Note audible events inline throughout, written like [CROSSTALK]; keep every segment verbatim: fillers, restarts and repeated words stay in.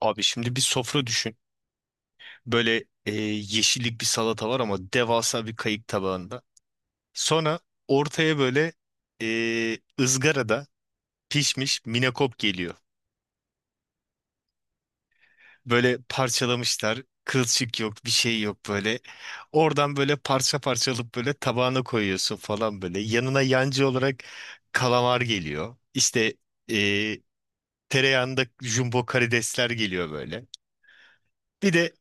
Abi şimdi bir sofra düşün. Böyle e, yeşillik bir salata var ama devasa bir kayık tabağında. Sonra ortaya böyle e, ızgarada pişmiş minakop geliyor. Böyle parçalamışlar. Kılçık yok, bir şey yok böyle. Oradan böyle parça parça alıp böyle tabağına koyuyorsun falan böyle. Yanına yancı olarak kalamar geliyor. İşte e, tereyağında jumbo karidesler geliyor böyle. Bir de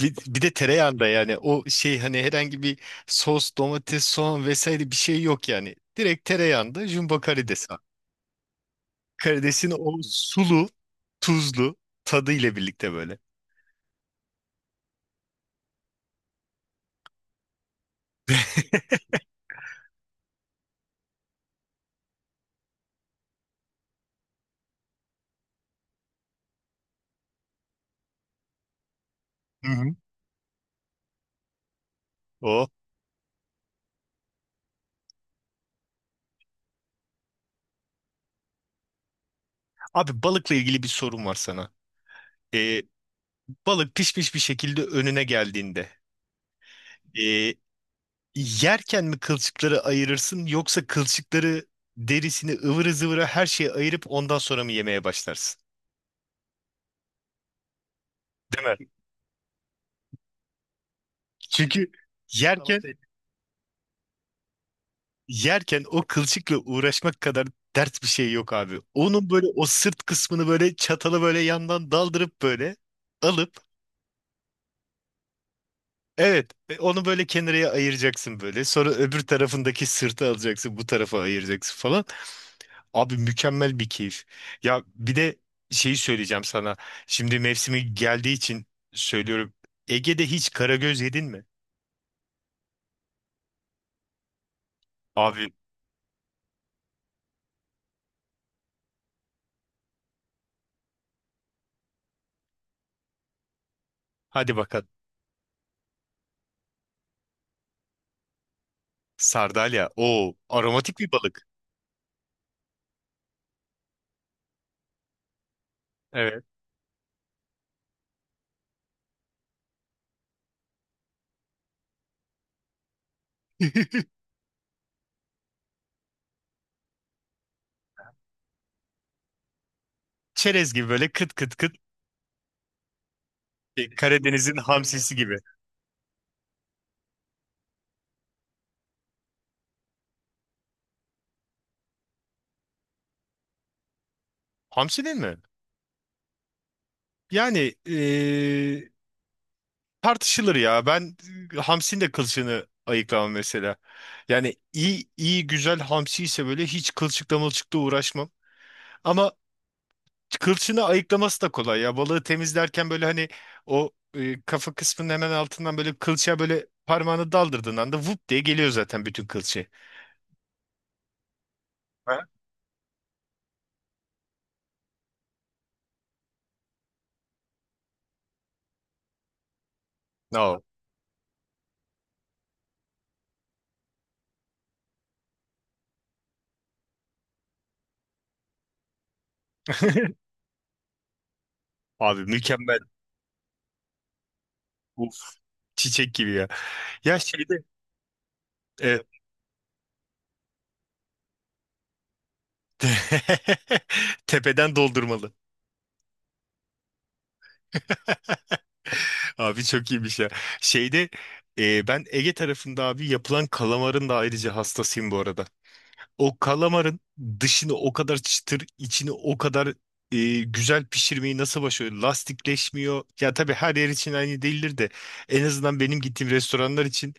Bir, bir de tereyağında yani o şey hani herhangi bir sos, domates, soğan vesaire bir şey yok yani. Direkt tereyağında jumbo karides var. Karidesin o sulu, tuzlu tadı ile birlikte böyle. [LAUGHS] Hı hı. O. Abi balıkla ilgili bir sorum var sana. Ee, balık pişmiş bir şekilde önüne geldiğinde Ee, yerken mi kılçıkları ayırırsın yoksa kılçıkları derisini ıvırı zıvırı her şeyi ayırıp ondan sonra mı yemeye başlarsın? Değil mi? Çünkü tamam, yerken yerken o kılçıkla uğraşmak kadar dert bir şey yok abi. Onun böyle o sırt kısmını böyle çatalı böyle yandan daldırıp böyle alıp evet, e, onu böyle kenarıya ayıracaksın böyle. Sonra öbür tarafındaki sırtı alacaksın bu tarafa ayıracaksın falan. Abi mükemmel bir keyif. Ya bir de şeyi söyleyeceğim sana. Şimdi mevsimi geldiği için söylüyorum. Ege'de hiç karagöz yedin mi? Abi hadi bakalım. Sardalya. O aromatik bir balık. Evet. Çerez gibi böyle kıt kıt kıt. Şey, Karadeniz'in hamsisi gibi. Hamsi değil mi? Yani eee, tartışılır ya. Ben e, hamsinin de kılçığını ayıklamam mesela. Yani iyi iyi güzel hamsi ise böyle hiç kılçıkla mılçıkla uğraşmam. Ama kılçığını ayıklaması da kolay ya. Balığı temizlerken böyle hani o e, kafa kısmının hemen altından böyle kılçığa böyle parmağını daldırdığın anda vup diye geliyor zaten bütün kılçığı. Ha? No. [LAUGHS] Abi mükemmel. Uf. Çiçek gibi ya. Ya şeyde e, [LAUGHS] tepeden doldurmalı. Abi çok iyiymiş ya. Şeyde e, ben Ege tarafında abi yapılan kalamarın da ayrıca hastasıyım bu arada. O kalamarın dışını o kadar çıtır, içini o kadar e, güzel pişirmeyi nasıl başarıyor? Lastikleşmiyor. Ya tabii her yer için aynı değildir de en azından benim gittiğim restoranlar için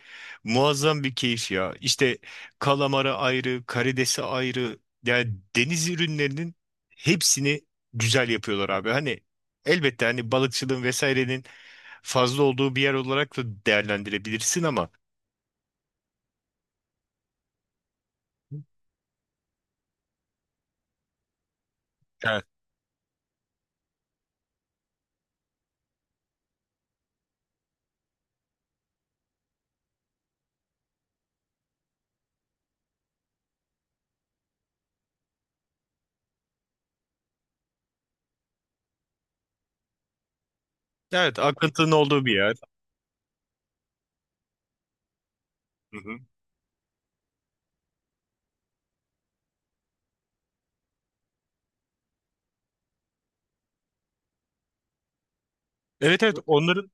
muazzam bir keyif ya. İşte kalamarı ayrı, karidesi ayrı. Yani deniz ürünlerinin hepsini güzel yapıyorlar abi. Hani elbette hani balıkçılığın vesairenin fazla olduğu bir yer olarak da değerlendirebilirsin ama evet. Evet, akıntının olduğu bir yer. Hı hı. Evet, evet, onların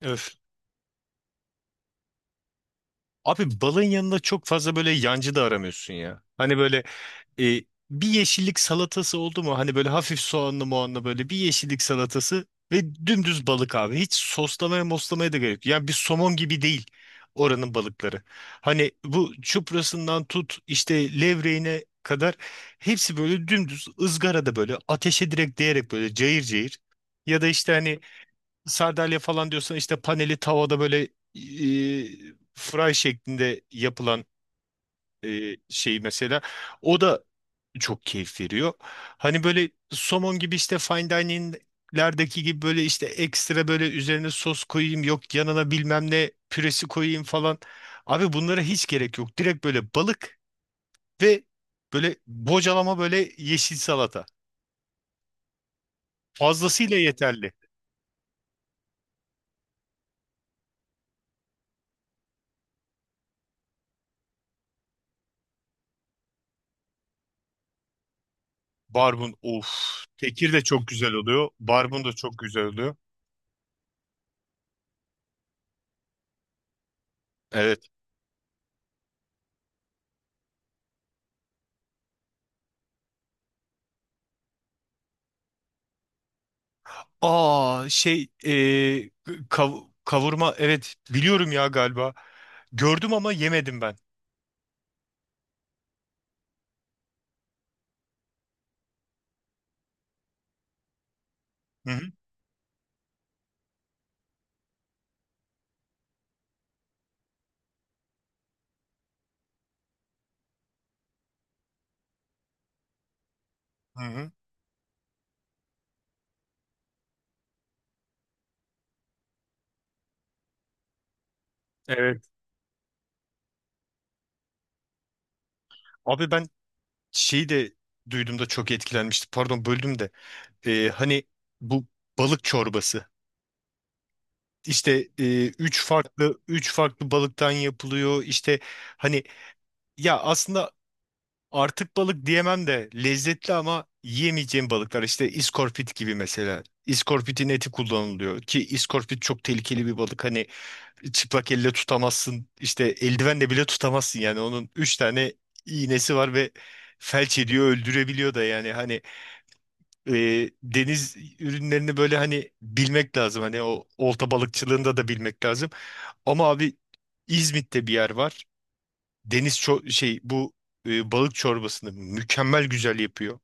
öf. Abi balın yanında çok fazla böyle yancı da aramıyorsun ya. Hani böyle e, bir yeşillik salatası oldu mu? Hani böyle hafif soğanlı moğanlı böyle bir yeşillik salatası ve dümdüz balık abi. Hiç soslamaya moslamaya da gerek yok. Yani bir somon gibi değil oranın balıkları. Hani bu çuprasından tut işte levreğine kadar hepsi böyle dümdüz ızgarada böyle ateşe direkt değerek böyle cayır cayır. Ya da işte hani sardalya falan diyorsan işte paneli tavada böyle e, fry şeklinde yapılan e, şey mesela. O da çok keyif veriyor. Hani böyle somon gibi işte fine dining'lerdeki gibi böyle işte ekstra böyle üzerine sos koyayım yok yanına bilmem ne püresi koyayım falan. Abi bunlara hiç gerek yok. Direkt böyle balık ve böyle bocalama böyle yeşil salata. Fazlasıyla yeterli. Barbun of. Tekir de çok güzel oluyor. Barbun da çok güzel oluyor. Evet. Aa şey eee, kav- kavurma evet, biliyorum ya galiba. Gördüm ama yemedim ben. Hı hı. Hı hı. Evet. Abi ben şeyi de duyduğumda çok etkilenmiştim. Pardon böldüm de. Ee, hani bu balık çorbası. İşte e, üç farklı üç farklı balıktan yapılıyor. İşte hani ya aslında artık balık diyemem de lezzetli ama yiyemeyeceğim balıklar işte iskorpit gibi mesela. İskorpitin eti kullanılıyor ki iskorpit çok tehlikeli bir balık hani çıplak elle tutamazsın işte eldivenle bile tutamazsın yani onun üç tane iğnesi var ve felç ediyor öldürebiliyor da yani hani e, deniz ürünlerini böyle hani bilmek lazım hani o olta balıkçılığında da bilmek lazım ama abi İzmit'te bir yer var deniz ço- şey bu e, balık çorbasını mükemmel güzel yapıyor.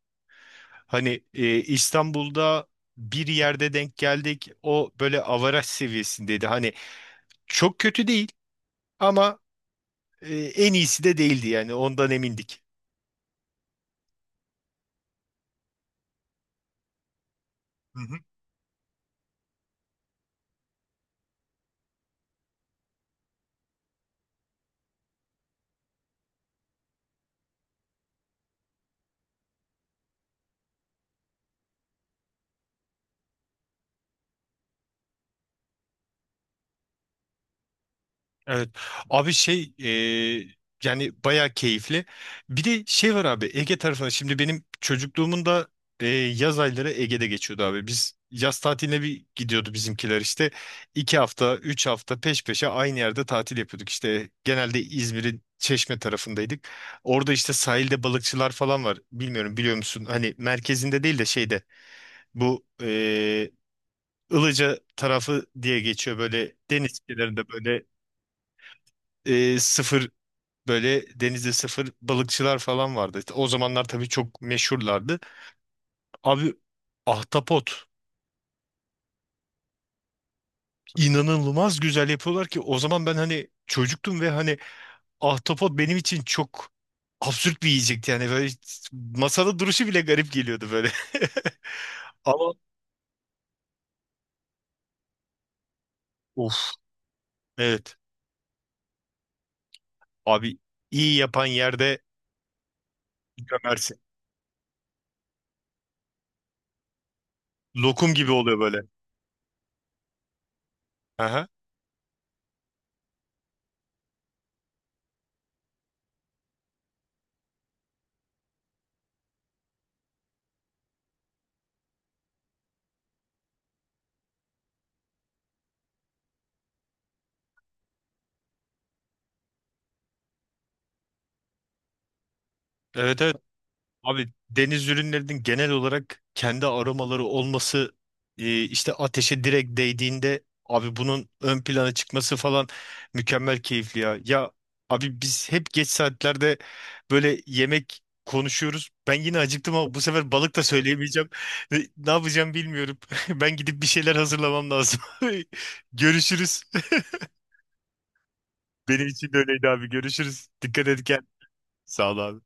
Hani e, İstanbul'da bir yerde denk geldik. O böyle avaraj seviyesindeydi. Hani çok kötü değil ama e, en iyisi de değildi yani ondan emindik. Evet. Abi şey e, yani bayağı keyifli. Bir de şey var abi Ege tarafına. Şimdi benim çocukluğumun da e, yaz ayları Ege'de geçiyordu abi. Biz yaz tatiline bir gidiyordu bizimkiler işte. iki hafta, üç hafta peş peşe aynı yerde tatil yapıyorduk. İşte genelde İzmir'in Çeşme tarafındaydık. Orada işte sahilde balıkçılar falan var. Bilmiyorum, biliyor musun? Hani merkezinde değil de şeyde bu e, Ilıca tarafı diye geçiyor böyle deniz kenarında böyle e, böyle denizde sıfır balıkçılar falan vardı. İşte o zamanlar tabii çok meşhurlardı. Abi ahtapot inanılmaz güzel yapıyorlar ki o zaman ben hani çocuktum ve hani ahtapot benim için çok absürt bir yiyecekti. Yani böyle masada duruşu bile garip geliyordu böyle. [LAUGHS] Ama of, evet abi, iyi yapan yerde gömersin. Lokum gibi oluyor böyle. Aha. Evet, evet. Abi deniz ürünlerinin genel olarak kendi aromaları olması e, işte ateşe direkt değdiğinde abi bunun ön plana çıkması falan mükemmel keyifli ya. Ya abi biz hep geç saatlerde böyle yemek konuşuyoruz. Ben yine acıktım ama bu sefer balık da söyleyemeyeceğim. [LAUGHS] Ne, ne yapacağım bilmiyorum. [LAUGHS] Ben gidip bir şeyler hazırlamam lazım. [LAUGHS] Görüşürüz. Benim için de öyleydi abi. Görüşürüz. Dikkat et kendine. Sağ ol abi.